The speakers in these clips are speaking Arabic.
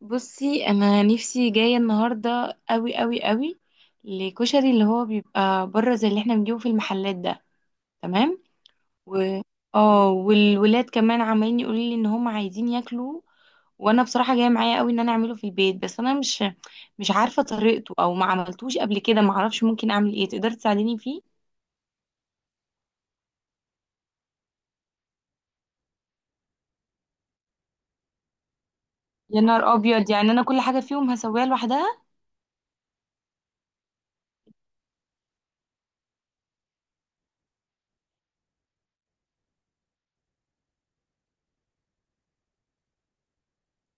بصي، انا نفسي جايه النهارده قوي قوي قوي لكشري اللي هو بيبقى بره زي اللي احنا بنجيبه في المحلات ده. تمام. و اه والولاد كمان عمالين يقولوا لي ان هم عايزين ياكلوا. وانا بصراحه جايه معايا قوي ان انا اعمله في البيت، بس انا مش عارفه طريقته او ما عملتوش قبل كده، ما اعرفش ممكن اعمل ايه، تقدري تساعديني فيه؟ يا نهار ابيض، يعني انا كل حاجه فيهم هسويها لوحدها؟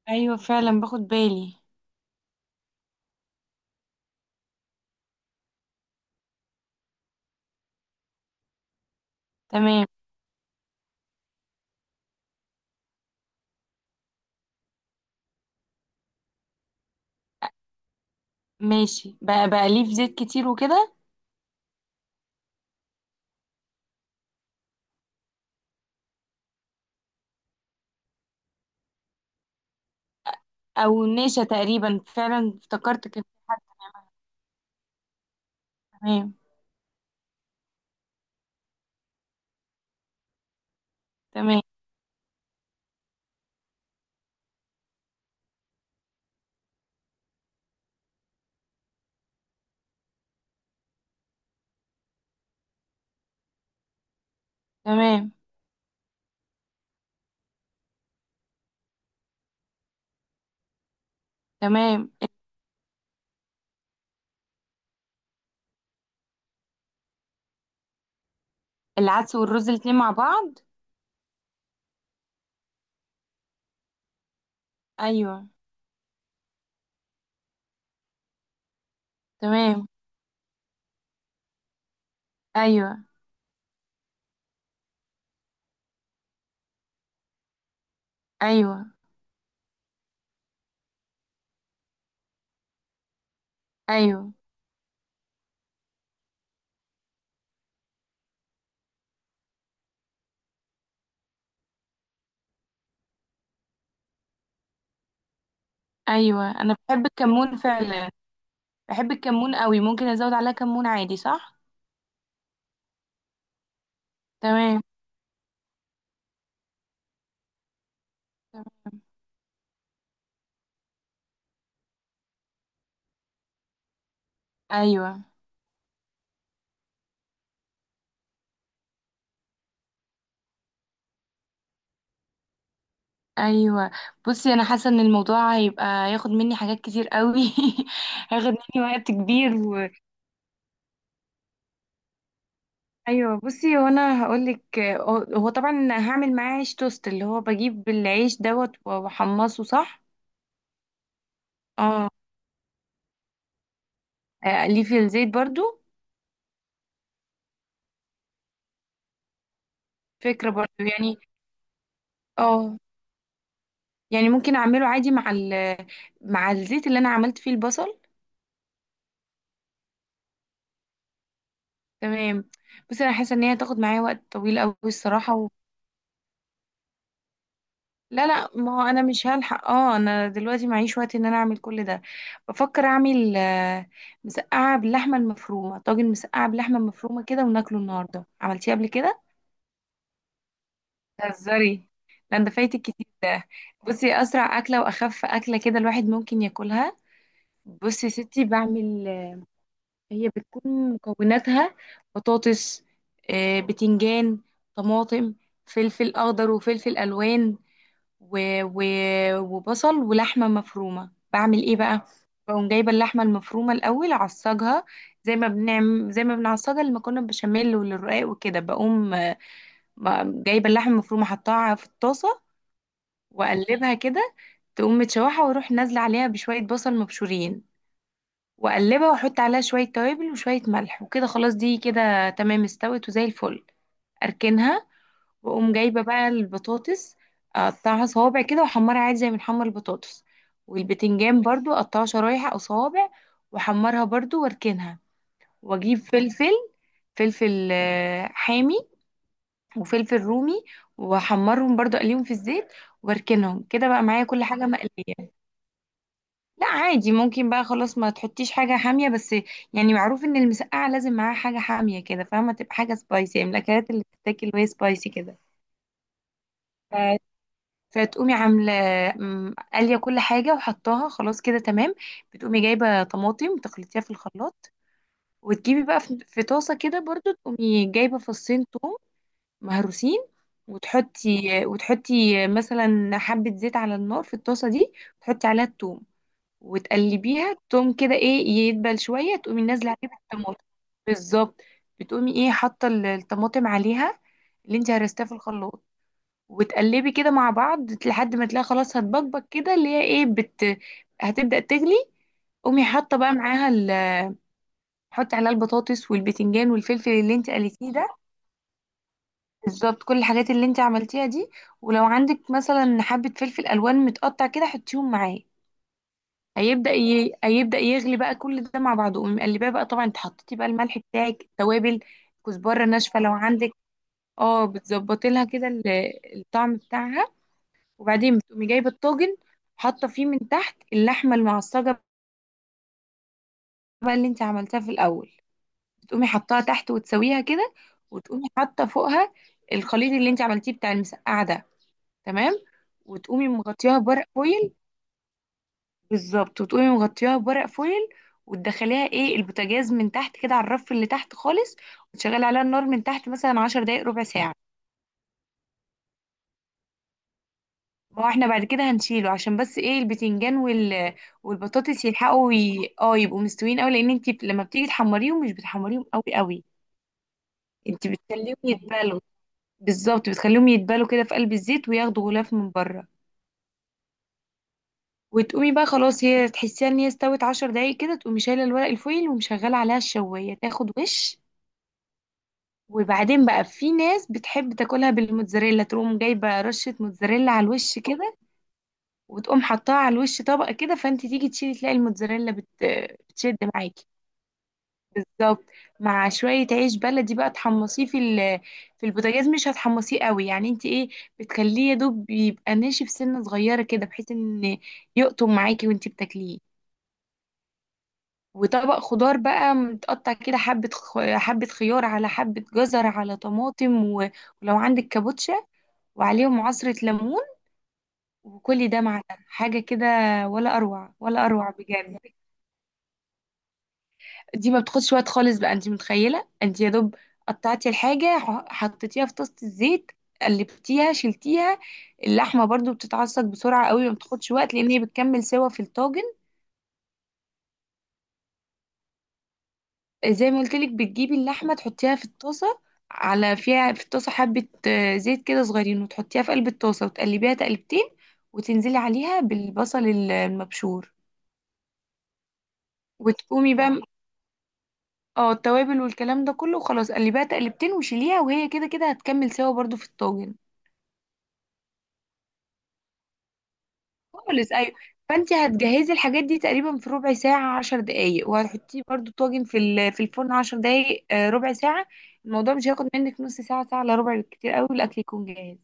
ايوه فعلا باخد بالي. تمام. ماشي، بقى ليه في زيت كتير وكده؟ او نشا تقريبا، فعلا افتكرت كان في حد. تمام. تمام، تمام، تمام، العدس والرز الاتنين مع بعض؟ ايوه. تمام. ايوه. ايوه. ايوه. ايوه انا بحب الكمون فعلا، بحب الكمون قوي، ممكن ازود عليها كمون عادي صح؟ تمام. ايوه. ايوه. بصي، انا حاسه ان الموضوع هيبقى ياخد مني حاجات كتير قوي. هياخد مني وقت كبير. ايوه. بصي وانا هقولك، هو طبعا هعمل معاه عيش توست، اللي هو بجيب العيش دوت واحمصه صح؟ اه. اقليه في الزيت برضو؟ فكره برضو يعني. اه، يعني ممكن اعمله عادي مع مع الزيت اللي انا عملت فيه البصل. تمام. بس انا حاسه ان هي هتاخد معايا وقت طويل قوي الصراحه. لا، لا، ما هو انا مش هلحق، اه انا دلوقتي معيش وقت ان انا اعمل كل ده. بفكر اعمل مسقعه باللحمه المفرومه طاجن مسقعه باللحمه المفرومه كده وناكله النهارده، عملتيه قبل كده؟ بتهزري؟ لا، ده فايتك كتير ده. بصي، اسرع اكله واخف اكله كده الواحد ممكن ياكلها. بصي يا ستي، بعمل هي بتكون مكوناتها بطاطس، بتنجان، طماطم، فلفل اخضر وفلفل الوان، و... و... وبصل ولحمة مفرومة. بعمل ايه بقى؟ بقوم جايبة اللحمة المفرومة الأول أعصجها، زي ما بنعصجها لما كنا بشاميل وللرقاق وكده. بقوم جايبة اللحمة المفرومة حطاها في الطاسة وأقلبها كده، تقوم متشوحة، وأروح نازلة عليها بشوية بصل مبشورين وأقلبها وأحط عليها شوية توابل وشوية ملح وكده. خلاص دي كده تمام استوت وزي الفل. أركنها. واقوم جايبه بقى البطاطس، اقطعها صوابع كده واحمرها عادي زي ما بنحمر البطاطس. والبتنجان برضو اقطعه شرايح او صوابع واحمرها برضو واركنها. واجيب فلفل حامي وفلفل رومي، واحمرهم برضو اقليهم في الزيت واركنهم كده بقى معايا كل حاجه مقليه. لا عادي، ممكن بقى خلاص ما تحطيش حاجه حاميه. بس يعني معروف ان المسقعه لازم معاها حاجه حاميه كده فاهمه، تبقى حاجه سبايسي، من الاكلات اللي بتتاكل وهي سبايسي كده. فتقومي عامله قاليه كل حاجه وحطاها خلاص كده تمام. بتقومي جايبه طماطم تخلطيها في الخلاط، وتجيبي بقى في طاسه كده برضو، تقومي جايبه فصين توم مهروسين، وتحطي مثلا حبه زيت على النار في الطاسه دي، وتحطي عليها التوم وتقلبيها. التوم كده ايه، يدبل شويه، تقومي نازله عليه بالطماطم. بالظبط. بتقومي حاطه الطماطم عليها، اللي انت هرستيها في الخلاط، وتقلبي كده مع بعض لحد ما تلاقي خلاص هتبقبق كده، اللي هي ايه بت هتبدأ تغلي. قومي حاطه بقى معاها حطي عليها البطاطس والبتنجان والفلفل اللي انت قلتيه ده. بالظبط، كل الحاجات اللي انت عملتيها دي. ولو عندك مثلا حبه فلفل الوان متقطع كده حطيهم معاه. هيبدأ يغلي بقى كل ده مع بعضه، قومي مقلباه بقى. طبعا انت حطيتي بقى الملح بتاعك التوابل، كزبره ناشفه لو عندك. اه، بتظبطي لها كده الطعم بتاعها. وبعدين بتقومي جايبه الطاجن، حاطه فيه من تحت اللحمه المعصجه بقى اللي انت عملتها في الاول. بتقومي حطاها تحت وتسويها كده، وتقومي حاطه فوقها الخليط اللي انت عملتيه بتاع المسقعه ده. تمام. وتقومي مغطياها بورق فويل. بالظبط، وتقومي مغطياها بورق فويل، وتدخليها البوتاجاز من تحت كده على الرف اللي تحت خالص، وتشغلي عليها النار من تحت مثلا 10 دقايق، ربع ساعة. ما هو احنا بعد كده هنشيله عشان بس البتنجان والبطاطس يلحقوا ي... اه يبقوا مستويين قوي، لان انت لما بتيجي تحمريهم مش بتحمريهم قوي قوي، انت بتخليهم يتبالوا. بالظبط، بتخليهم يتبالوا كده في قلب الزيت وياخدوا غلاف من بره. وتقومي بقى خلاص هي تحسيها ان هي استوت، 10 دقايق كده تقومي شايله الورق الفويل ومشغله عليها الشوايه تاخد وش. وبعدين بقى في ناس بتحب تاكلها بالموتزاريلا، تقوم جايبه رشه موتزاريلا على الوش كده، وتقوم حطاها على الوش طبقة كده. فانت تيجي تشيلي تلاقي الموتزاريلا بتشد معاكي. بالظبط. مع شوية عيش بلدي بقى تحمصيه في البوتاجاز، مش هتحمصيه قوي يعني، انت بتخليه يا دوب يبقى ناشف سنة صغيرة كده بحيث ان يقطم معاكي وانت بتاكليه. وطبق خضار بقى متقطع كده، حبة خيار على حبة جزر على طماطم ولو عندك كابوتشا، وعليهم عصرة ليمون. وكل ده مع ده حاجة كده، ولا أروع، ولا أروع بجد. دي ما بتاخدش وقت خالص بقى، انت متخيله، انت يا دوب قطعتي الحاجه حطيتيها في طاسه الزيت قلبتيها شلتيها. اللحمه برضو بتتعصج بسرعه قوي، ما بتاخدش وقت لان هي بتكمل سوا في الطاجن. زي ما قلت لك، بتجيبي اللحمه تحطيها في الطاسه، على فيها في الطاسه حبه زيت كده صغيرين، وتحطيها في قلب الطاسه وتقلبيها تقلبتين، وتنزلي عليها بالبصل المبشور. وتقومي بقى، اه التوابل والكلام ده كله، وخلاص قلبيها تقلبتين وشيليها، وهي كده كده هتكمل سوا برضو في الطاجن. خالص، ايوه. فانت هتجهزي الحاجات دي تقريبا في ربع ساعه، 10 دقايق، وهتحطيه برضو طاجن في في الفرن 10 دقايق، ربع ساعه. الموضوع مش هياخد منك نص ساعه، ساعه الا ربع بالكتير قوي الاكل يكون جاهز.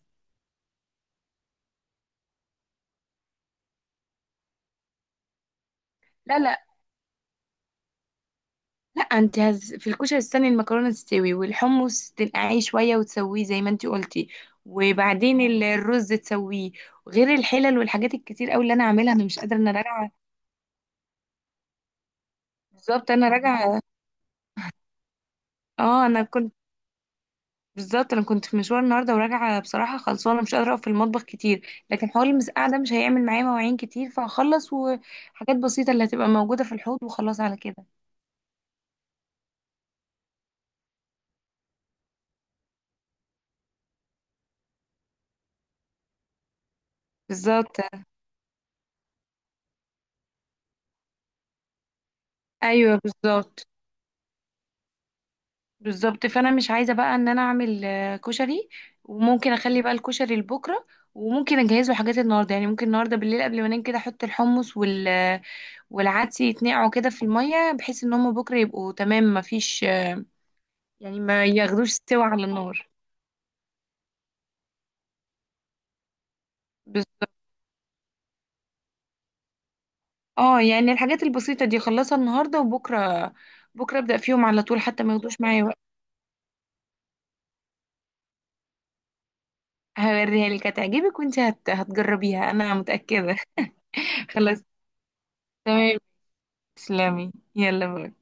لا، لا، لا. في الكشري استني المكرونه تستوي والحمص تنقعيه شويه وتسويه زي ما انت قلتي. وبعدين الرز تسويه، غير الحلل والحاجات الكتير قوي اللي انا عاملها، انا مش قادره، انا راجعه. بالظبط، انا راجعه. اه انا كنت بالظبط انا كنت في مشوار النهارده وراجعه بصراحه خلصانه، مش قادره اقف في المطبخ كتير، لكن حوار المسقعه ده مش هيعمل معايا مواعين كتير فهخلص، وحاجات بسيطه اللي هتبقى موجوده في الحوض وخلاص على كده. بالظبط. ايوه بالظبط. بالظبط، فانا مش عايزه بقى ان انا اعمل كشري، وممكن اخلي بقى الكشري لبكره، وممكن اجهزه حاجات النهارده، يعني ممكن النهارده بالليل قبل ما انام كده احط الحمص والعدس يتنقعوا كده في الميه، بحيث ان هم بكره يبقوا تمام ما فيش، يعني ما ياخدوش سوا على النار. اه يعني الحاجات البسيطة دي خلصها النهاردة، وبكرة بكرة ابدأ فيهم على طول حتى ما ياخدوش معايا وقت. هوريها لك هتعجبك، وانت هتجربيها انا متأكدة. خلاص. تمام. تسلمي، يلا باي.